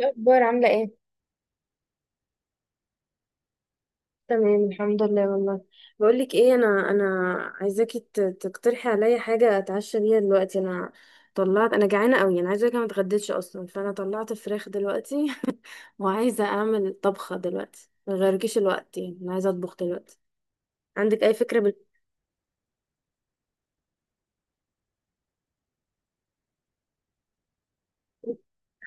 إيه الاخبار عامله ايه؟ تمام، الحمد لله والله. بقول لك ايه، انا عايزاكي تقترحي عليا حاجه اتعشى بيها دلوقتي. انا طلعت انا جعانه قوي، انا عايزه اقولك أنا ما اتغديتش اصلا، فانا طلعت فراخ دلوقتي وعايزه اعمل طبخه دلوقتي، ما غيركيش الوقت، يعني انا عايزه اطبخ دلوقتي. عندك اي فكره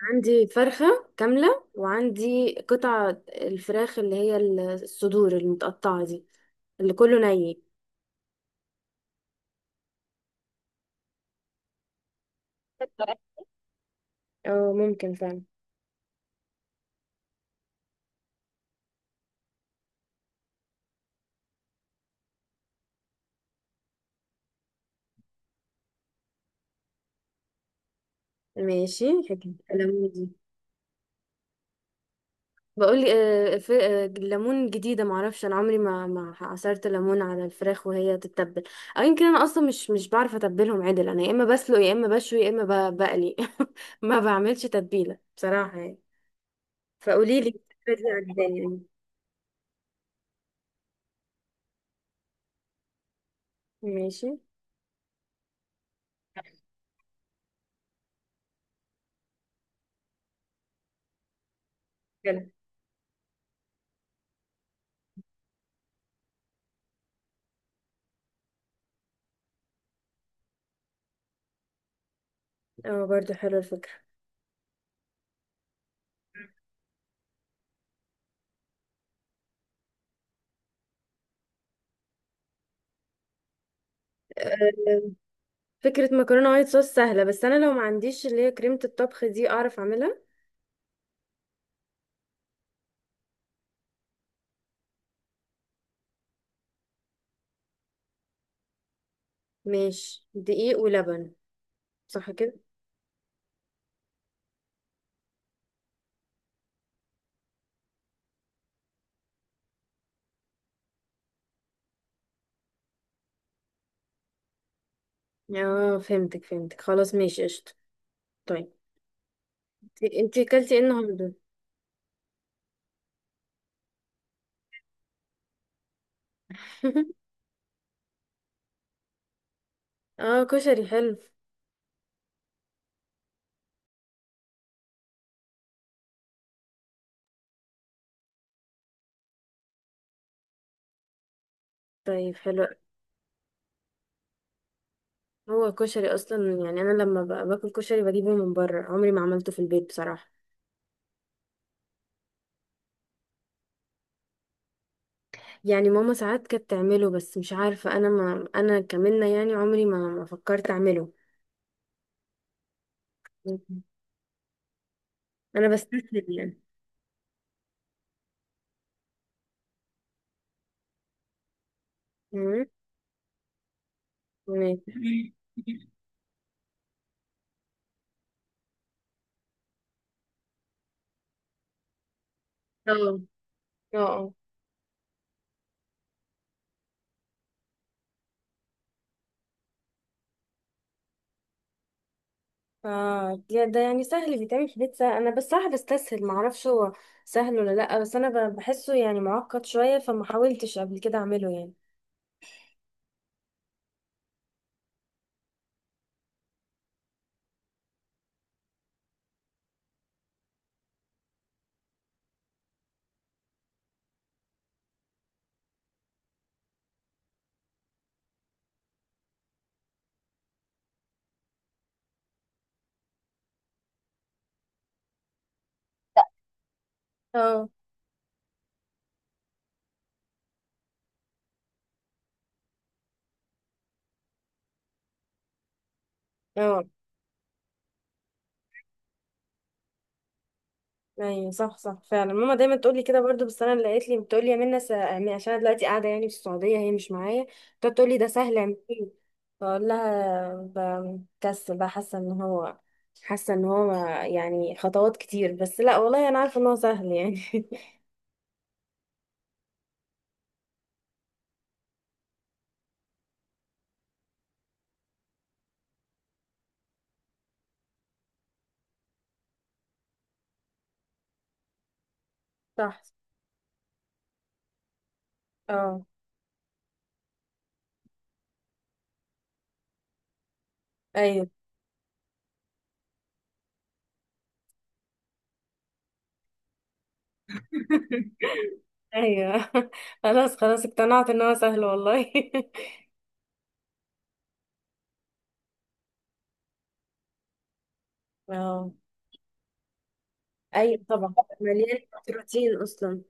عندي فرخه كامله وعندي قطع الفراخ اللي هي الصدور المتقطعه دي، اللي كله ني. اه، ممكن فعلا. ماشي، حكي كلامي دي. بقول لي، الليمون جديده، معرفش. انا عمري ما عصرت ليمون على الفراخ وهي تتبل، او يمكن انا اصلا مش بعرف اتبلهم عدل. انا يا اما بسلق يا اما بشوي يا اما بقلي ما بعملش تتبيله بصراحه يعني. فقولي لي، الفكره دي عجباني يعني. ماشي، حلو. اه، برضو حلوه الفكره. فكره مكرونه وايت صوص سهله، بس انا لو ما عنديش اللي هي كريمه الطبخ دي، اعرف اعملها؟ ماشي، دقيق ولبن. صح كده؟ اه، فهمتك فهمتك، خلاص ماشي، قشطه. طيب، انتي اكلتي ايه النهارده؟ اه، كشري حلو. طيب، حلو. هو كشري اصلا يعني، انا لما باكل كشري بجيبه من بره، عمري ما عملته في البيت بصراحه. يعني ماما ساعات كانت تعمله، بس مش عارفه، انا ما انا كمنة، يعني عمري ما فكرت اعمله انا بستسهل يعني. مم. ماشي. اه، اه، اه. يا ده يعني سهل بيتعمل في البيت سهل، انا بس صراحه بستسهل، ما اعرفش هو سهل ولا لا، بس انا بحسه يعني معقد شويه، فما حاولتش قبل كده اعمله يعني. اه، اه، ايوه، صح صح فعلا، ماما دايما تقول لي كده برضو، بس انا اللي قالت لي بتقول لي: يا منى، يعني عشان انا دلوقتي قاعده يعني في السعوديه، هي مش معايا، بتقعد تقول لي: ده سهل، اعمليه. بقول لها: بكسل بقى، حاسه ان هو، حاسه ان هو يعني خطوات كتير، بس لا والله انا عارفه ان هو سهل يعني صح، اه، ايوه، ايوه. خلاص، خلاص، اقتنعت ان هو سهل والله. اه، ايوه طبعا، مليان بروتين اصلا.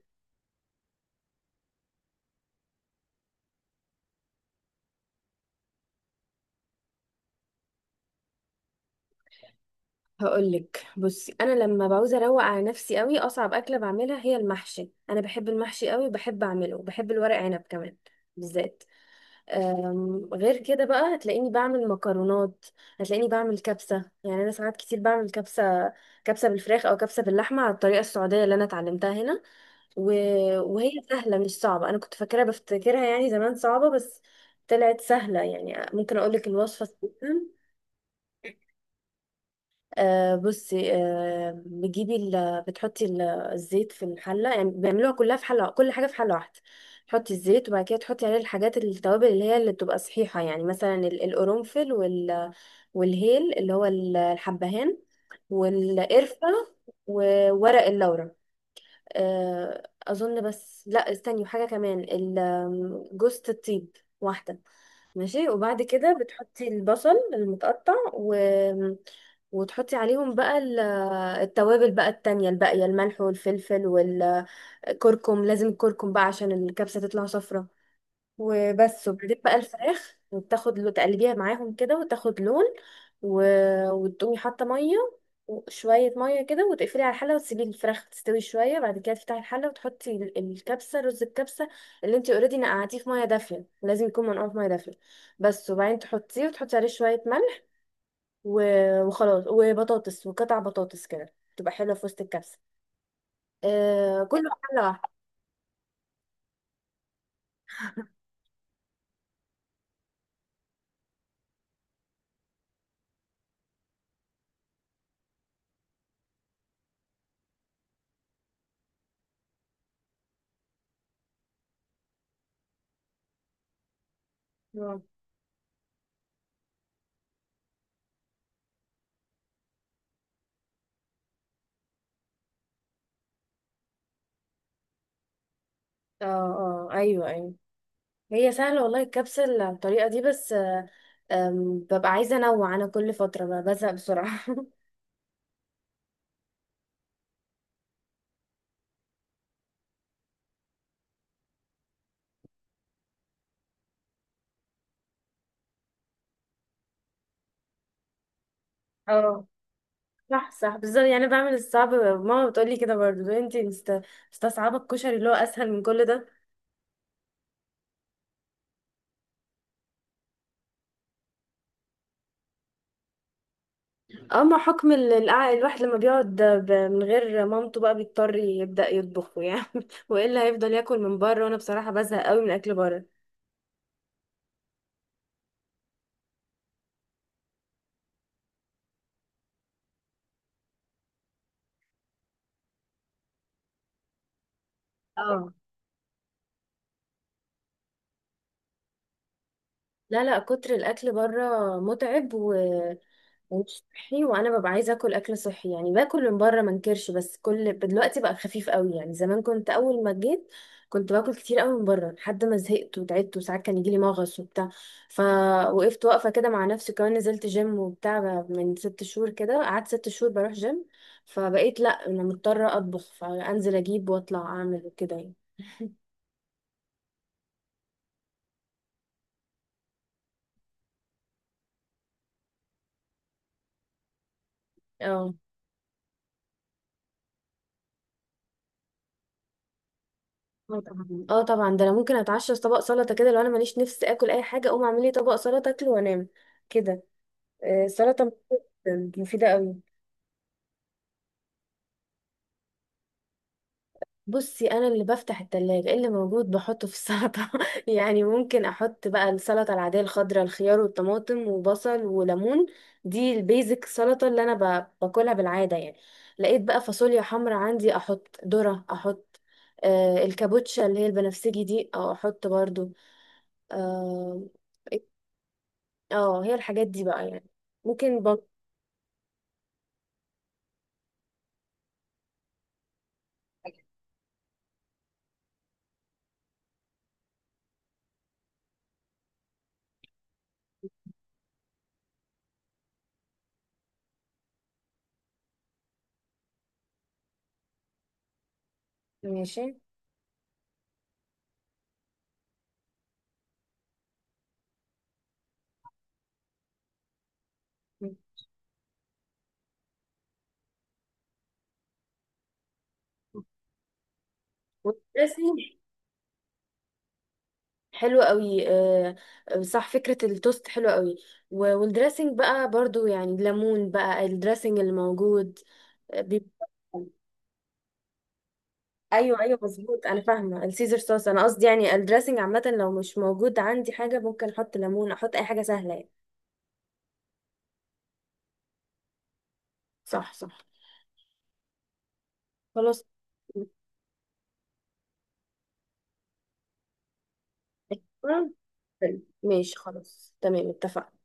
هقولك، بصي انا لما بعوز اروق على نفسي قوي، اصعب اكله بعملها هي المحشي، انا بحب المحشي قوي وبحب اعمله، وبحب الورق عنب كمان بالذات. غير كده بقى هتلاقيني بعمل مكرونات، هتلاقيني بعمل كبسه. يعني انا ساعات كتير بعمل كبسه، كبسه بالفراخ او كبسه باللحمه على الطريقه السعوديه اللي انا اتعلمتها هنا، و... وهي سهله مش صعبه. انا كنت فاكرها بفتكرها يعني زمان صعبه، بس طلعت سهله يعني، ممكن اقولك الوصفه؟ بصي، بتجيبي بتحطي الزيت في الحله، يعني بيعملوها كلها في حله، كل حاجه في حله واحده. تحطي الزيت وبعد كده تحطي عليه الحاجات، التوابل اللي هي اللي بتبقى صحيحه، يعني مثلا القرنفل والهيل اللي هو الحبهان والقرفه وورق اللورا، آه اظن. بس لا، استني، وحاجه كمان جوزة الطيب، واحده. ماشي، وبعد كده بتحطي البصل المتقطع، وتحطي عليهم بقى التوابل بقى التانية الباقية، الملح والفلفل والكركم، لازم الكركم بقى عشان الكبسة تطلع صفرة. وبس، وبعدين بقى الفراخ، وبتاخد لو تقلبيها معاهم كده وتاخد لون، و... وتقومي حاطه ميه وشويه ميه كده، وتقفلي على الحله وتسيبي الفراخ تستوي شويه. بعد كده تفتحي الحله وتحطي الكبسه، رز الكبسه اللي انت اوريدي نقعتيه في ميه دافيه، لازم يكون منقوع في ميه دافيه بس. وبعدين تحطيه وتحطي عليه شويه ملح، و... وخلاص، وبطاطس، وقطع بطاطس كده تبقى حلوه في وسط الكبسه. آه، كله حله واحده. اه، اه، آه، ايوه، ايوه. هي سهلة والله، الكبسة على الطريقة دي، بس آه، آم، ببقى عايزة انوع انا كل فترة، بزهق بسرعة اه، صح صح بالظبط، يعني أنا بعمل الصعب، ماما بتقولي كده برضو، لو انتي مستصعبة الكشري اللي هو اسهل من كل ده. اما حكم الواحد لما بيقعد من غير مامته بقى، بيضطر يبدأ يطبخه يعني والا هيفضل ياكل من بره، وانا بصراحة بزهق قوي من اكل بره. اه، لا لا، كتر الاكل بره متعب مش صحي، وانا ببقى عايزه اكل اكل صحي. يعني باكل من بره ما انكرش، بس كل دلوقتي بقى خفيف قوي، يعني زمان كنت اول ما جيت كنت باكل كتير قوي من بره، لحد ما زهقت وتعبت وساعات كان يجيلي مغص وبتاع. فوقفت واقفه كده مع نفسي، كمان نزلت جيم وبتاع بقى من ست شهور كده، قعدت ست شهور بروح جيم، فبقيت لا، انا مضطره اطبخ، فانزل اجيب واطلع اعمل وكده يعني. اه، اه طبعا، اه طبعا، ده انا ممكن اتعشى في طبق سلطه كده، لو انا ماليش نفس اكل اي حاجه، اقوم اعمل لي طبق سلطه اكله وانام كده. السلطة مفيدة قوي. بصي، انا اللي بفتح التلاجة، إيه اللي موجود بحطه في السلطة يعني ممكن احط بقى السلطة العادية الخضراء: الخيار والطماطم وبصل وليمون، دي البيزك سلطة اللي انا باكلها بالعادة يعني. لقيت بقى فاصوليا حمرا عندي، احط ذرة، احط الكابوتشا اللي هي البنفسجي دي، او احط برضو. اه، إيه، آه، هي الحاجات دي بقى يعني، ممكن برضو. ماشي، والدريسنج حلو قوي، آه. صح، فكرة التوست حلوة قوي، والدريسنج بقى برضو يعني الليمون بقى، الدريسنج اللي موجود بيبقى. ايوه، ايوه، مظبوط، انا فاهمه السيزر صوص، انا قصدي يعني الدريسنج عامه، لو مش موجود عندي حاجه ممكن احط ليمون، احط اي حاجه سهله يعني. صح، صح، خلاص أيوة. حلو. ماشي، خلاص، تمام، اتفقنا.